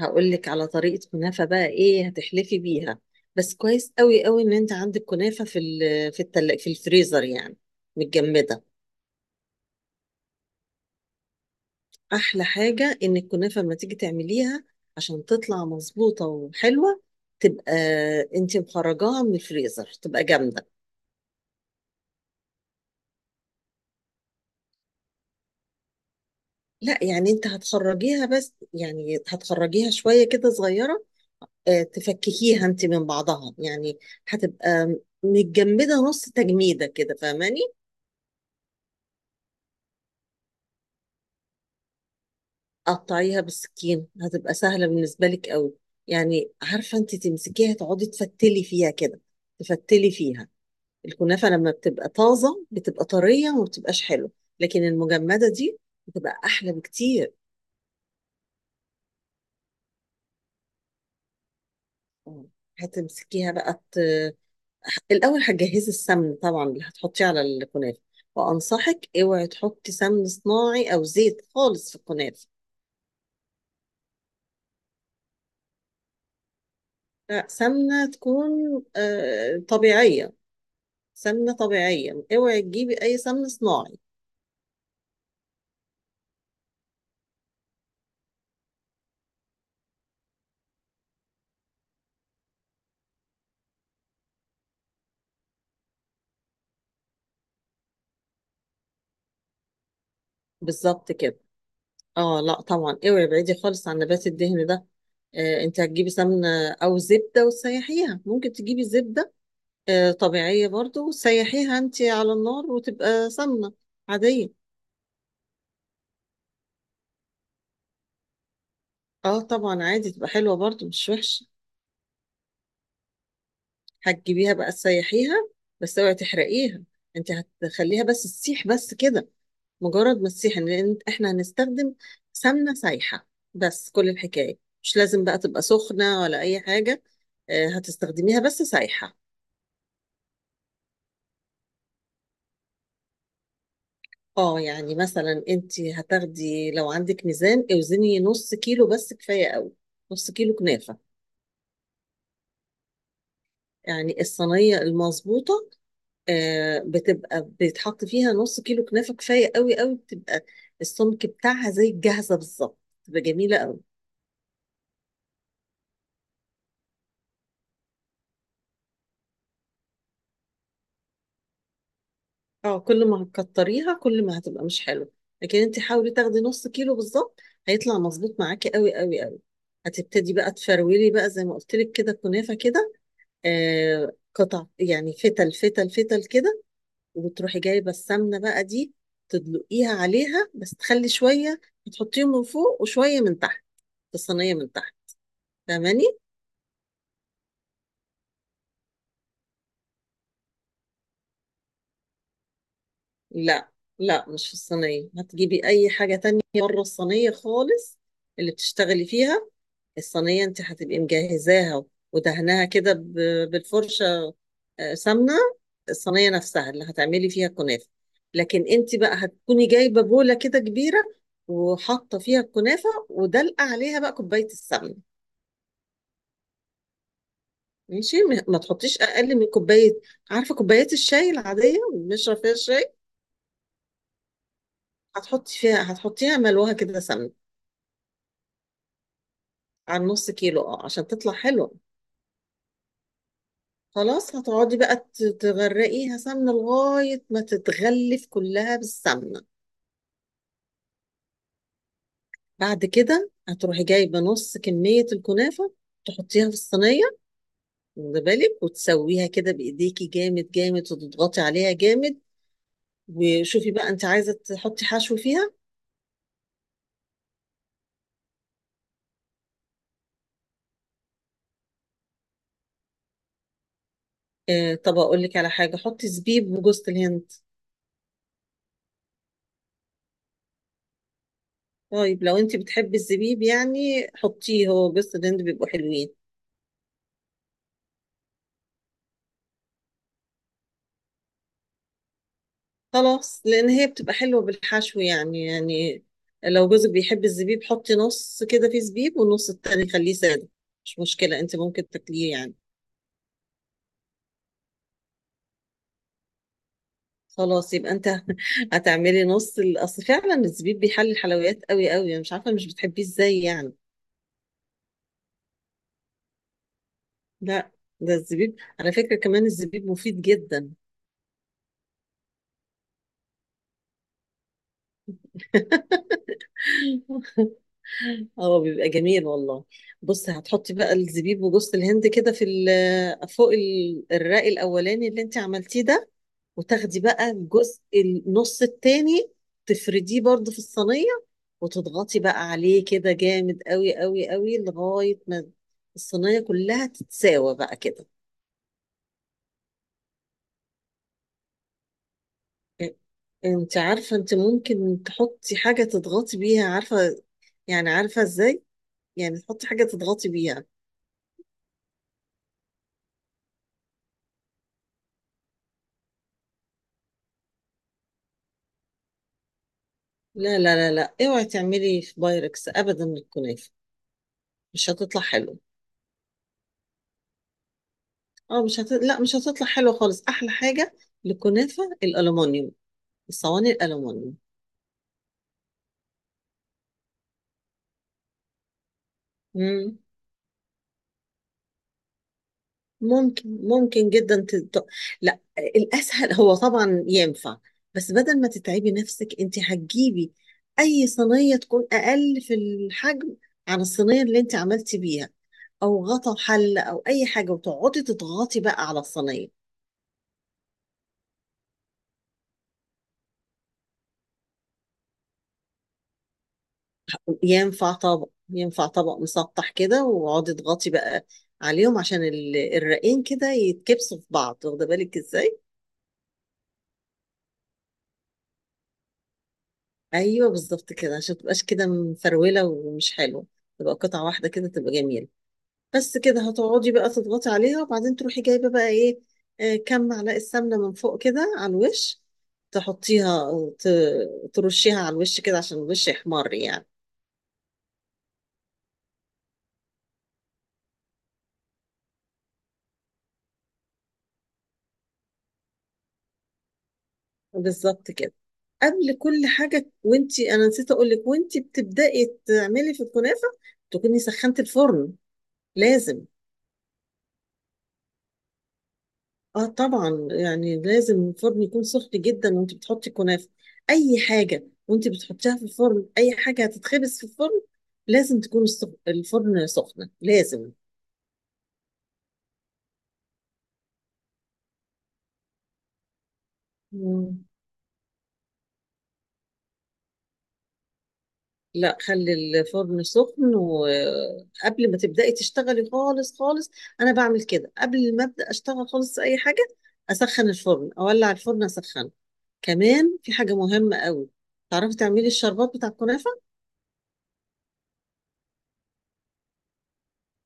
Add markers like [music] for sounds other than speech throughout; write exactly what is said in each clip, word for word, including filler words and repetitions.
هقول لك على طريقة كنافة بقى ايه هتحلفي بيها. بس كويس قوي قوي ان انت عندك كنافة في ال- في التل... في الفريزر يعني، متجمدة. احلى حاجة ان الكنافة لما تيجي تعمليها، عشان تطلع مظبوطة وحلوة، تبقى انت مخرجاها من الفريزر تبقى جامدة. لا يعني انت هتخرجيها، بس يعني هتخرجيها شوية كده صغيرة، آه، تفككيها انت من بعضها يعني. هتبقى متجمدة نص تجميدة كده، فاهماني؟ قطعيها بالسكين هتبقى سهلة بالنسبة لك قوي. يعني عارفة انت تمسكيها تقعدي تفتلي فيها كده، تفتلي فيها. الكنافة لما بتبقى طازة بتبقى طرية وما بتبقاش حلوة، لكن المجمدة دي بتبقى أحلى بكتير. اه. هتمسكيها بقى ت... الأول هتجهزي السمن طبعا اللي هتحطيه على الكنافة. وأنصحك اوعي تحطي سمن صناعي أو زيت خالص في الكنافة. لا، سمنة تكون آه، طبيعية. سمنة طبيعية، اوعي تجيبي اي سمن صناعي. بالظبط كده. اه لا طبعا، اوعي ابعدي خالص عن نبات الدهن ده. آه انت هتجيبي سمنة او زبدة وتسيحيها، ممكن تجيبي زبدة آه طبيعية برضو، وتسيحيها انت على النار وتبقى سمنة عادية. اه طبعا، عادي تبقى حلوة برضو، مش وحشة. هتجيبيها بقى تسيحيها، بس اوعي تحرقيها. انت هتخليها بس تسيح بس كده، مجرد مسيحا لان احنا هنستخدم سمنه سايحه بس، كل الحكايه. مش لازم بقى تبقى سخنه ولا اي حاجه، آه، هتستخدميها بس سايحه. اه يعني مثلا انت هتاخدي، لو عندك ميزان اوزني نص كيلو بس كفايه قوي. نص كيلو كنافه. يعني الصينيه المظبوطه آه، بتبقى بيتحط فيها نص كيلو كنافه، كفايه قوي قوي، بتبقى السمك بتاعها زي الجاهزه بالظبط، بتبقى جميله قوي. اه كل ما هتكتريها كل ما هتبقى مش حلو، لكن انت حاولي تاخدي نص كيلو بالظبط، هيطلع مظبوط معاكي قوي قوي قوي. هتبتدي بقى تفرولي بقى زي ما قلت لك كده كنافه كده، آه قطع يعني، فتل فتل فتل كده. وتروحي جايبه السمنه بقى دي، تدلقيها عليها، بس تخلي شويه تحطيهم من فوق وشويه من تحت، في الصينيه من تحت. فاهماني؟ لا لا، مش في الصينيه، هتجيبي اي حاجه تانية بره الصينيه خالص اللي بتشتغلي فيها. الصينية انت هتبقي مجهزاها ودهناها كده ب- بالفرشة آه، سمنة. الصينية نفسها اللي هتعملي فيها الكنافة. لكن انت بقى هتكوني جايبة بولة كده كبيرة، وحاطة فيها الكنافة، ودلقة عليها بقى كوباية السمنة. ماشي، ما ما تحطيش اقل من كوباية. عارفة كوبايات الشاي العادية اللي بنشرب فيها الشاي؟ هتحطي فيها، هتحطيها ملوها كده سمنة. على نص كيلو، اه، عشان تطلع حلوة. خلاص، هتقعدي بقى ت- تغرقيها سمنة لغاية ما تتغلف كلها بالسمنة. بعد كده هتروحي جايبة نص كمية الكنافة، تحطيها في الصينية، واخدة بالك، وتسويها كده بإيديكي جامد جامد، وتضغطي عليها جامد. وشوفي بقى انت عايزة تحطي حشو فيها. اه، طب اقول لك على حاجة، حطي زبيب وجوز الهند. طيب لو انت بتحبي الزبيب يعني حطيه، هو جوز الهند بيبقوا حلوين. خلاص، لان هي بتبقى حلوه بالحشو يعني يعني، لو جوزك بيحب الزبيب، حطي نص كده فيه زبيب والنص التاني خليه ساده، مش مشكله، انت ممكن تاكليه يعني. خلاص يبقى انت [laughs] هتعملي نص ال- اصل فعلا الزبيب بيحلي الحلويات قوي قوي، انا مش عارفه مش بتحبيه ازاي يعني. لا، ده الزبيب على فكره، كمان الزبيب مفيد جدا. [laughs] اه بيبقى جميل والله. بصي، هتحطي بقى الزبيب وجوز الهند كده في ال- فوق ال- الرق الاولاني اللي انت عملتيه ده، وتاخدي بقى الجزء النص التاني تفرديه برضو في الصينية، وتضغطي بقى عليه كده جامد قوي قوي قوي لغاية ما الصينية كلها تتساوى بقى كده. إ- انت عارفة انت ممكن تحطي حاجة تضغطي بيها، عارفة؟ يعني، عارفة ازاي؟ يعني تحطي حاجة تضغطي بيها. لا لا لا لا، اوعي تعملي في بايركس ابدا الكنافة، مش هتطلع حلو. اه مش هت... لا، مش هتطلع حلوة خالص. احلى حاجة للكنافة الالومنيوم، الصواني الالومنيوم. ممكن ممكن جدا تط... لا الاسهل هو طبعا ينفع، بس بدل ما تتعبي نفسك، انت هتجيبي اي صينيه تكون اقل في الحجم عن الصينيه اللي انت عملتي بيها، او غطا حله او اي حاجه، وتقعدي تضغطي بقى على الصينيه. ينفع طبق، ينفع طبق مسطح كده، واقعدي تضغطي بقى عليهم عشان ال- الرقين كده يتكبسوا في بعض، واخده بالك ازاي؟ ايوه، بالظبط كده، عشان تبقاش كده مفروله ومش حلو، تبقى قطعه واحده كده، تبقى جميله. بس كده، هتقعدي بقى تضغطي عليها، وبعدين تروحي جايبه بقى ايه، آه، كام معلقه سمنه من فوق كده على الوش، تحطيها، ت- ترشيها على الوش كده عشان الوش يحمر يعني. بالظبط كده. قبل كل حاجه، وانتي، انا نسيت اقول لك، وانتي بتبداي تعملي في الكنافه تكوني سخنتي الفرن، لازم. اه طبعا، يعني لازم الفرن يكون سخن جدا وانت بتحطي الكنافه، اي حاجه وانت بتحطيها في الفرن، اي حاجه هتتخبز في الفرن لازم تكون السخ- الفرن سخنه، لازم. مم. لا، خلي الفرن سخن، وقبل ما تبدأي تشتغلي خالص خالص، أنا بعمل كده قبل ما أبدأ أشتغل خالص في أي حاجة، أسخن الفرن، أولع الفرن أسخنه. كمان في حاجة مهمة قوي، تعرفي تعملي الشربات بتاع الكنافة؟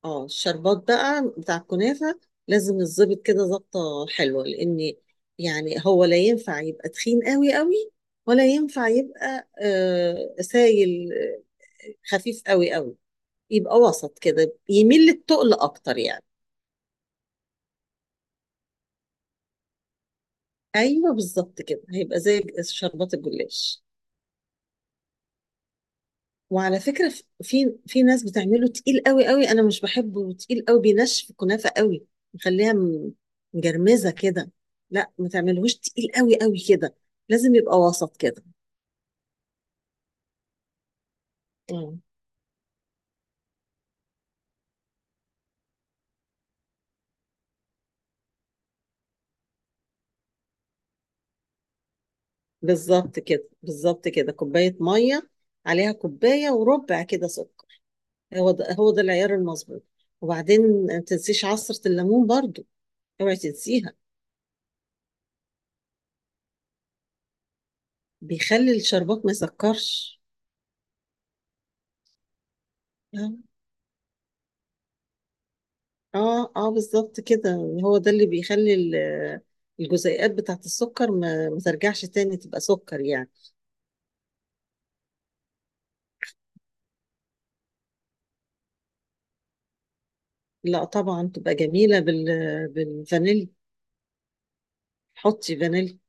اه، الشربات بقى بتاع الكنافة لازم الظبط كده ظبطة حلوة، لأن يعني هو لا ينفع يبقى تخين قوي قوي، ولا ينفع يبقى آه سايل، آه، خفيف قوي قوي، يبقى وسط كده، يميل للتقل أكتر يعني. أيوه، بالظبط كده، هيبقى زي شربات الجلاش. وعلى فكرة ف- في في ناس بتعمله تقيل قوي قوي، انا مش بحبه تقيل قوي بينشف الكنافة قوي، مخليها م- مجرمزة كده. لا، ما تعملهوش تقيل قوي قوي كده، لازم يبقى وسط كده. مم. بالظبط كده، بالظبط كده، كوباية مية عليها كوباية وربع كده سكر، هو ده هو ده العيار المظبوط. وبعدين ما تنسيش عصرة الليمون برضو، اوعي تنسيها. بيخلي الشربات ما يسكرش. اه. اه اه، بالظبط كده، هو ده اللي بيخلي ال- الجزيئات بتاعت السكر ما, ما ترجعش تاني تبقى سكر يعني. لا طبعا، تبقى جميلة بال بالفانيليا، حطي فانيليا.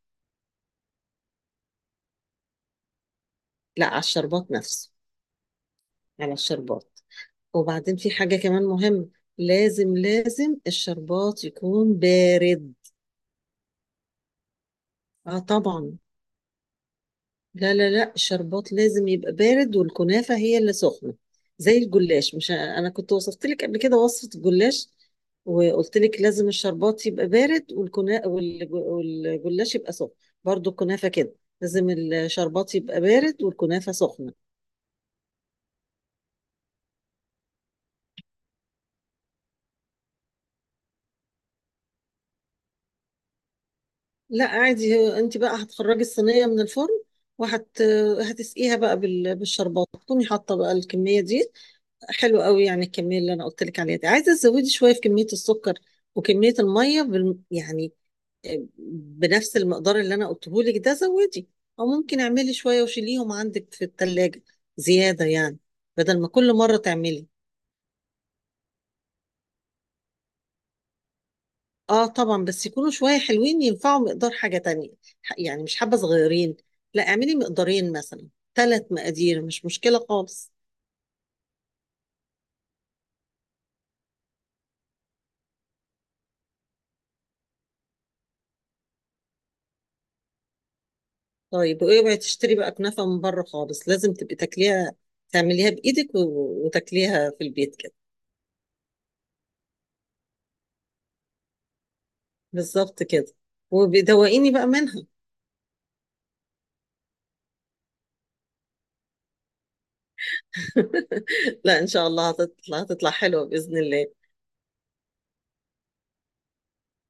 لا، على الشربات نفسه، على الشربات. وبعدين في حاجة كمان مهمة، لازم لازم الشربات يكون بارد. اه طبعا. لا لا لا، الشربات لازم يبقى بارد والكنافة هي اللي سخنة، زي الجلاش، مش أنا كنت وصفت لك قبل كده وصفة الجلاش وقلت لك لازم الشربات يبقى بارد والكنا... والج- والجلاش يبقى سخن. برضو الكنافة كده، لازم الشربات يبقى بارد والكنافة سخنة. لا عادي، هو انت بقى هتخرجي الصينية من الفرن، وهت هتسقيها بقى بال... بالشربات، تكوني حاطة بقى الكمية دي. حلو قوي، يعني الكميه اللي انا قلت لك عليها دي عايزه تزودي شويه في كميه السكر وكميه الميه بال... يعني، آه، بنفس المقدار اللي انا قلته لك ده زودي، او ممكن اعملي شويه وشيليهم عندك في الثلاجه زياده يعني، بدل ما كل مره تعملي. اه طبعا، بس يكونوا شويه حلوين ينفعوا مقدار حاجه تانية، ح- يعني مش حبه صغيرين، لا اعملي مقدارين مثلا، ثلاث مقادير مش مشكله خالص. طيب، واوعي تشتري بقى كنافة من بره خالص، لازم تبقي تاكليها تعمليها بايدك و- وتاكليها في البيت كده. بالظبط كده، وبيدوقيني بقى منها. [laughs] لا ان شاء الله هتطلع هتطلع حلوة بإذن الله.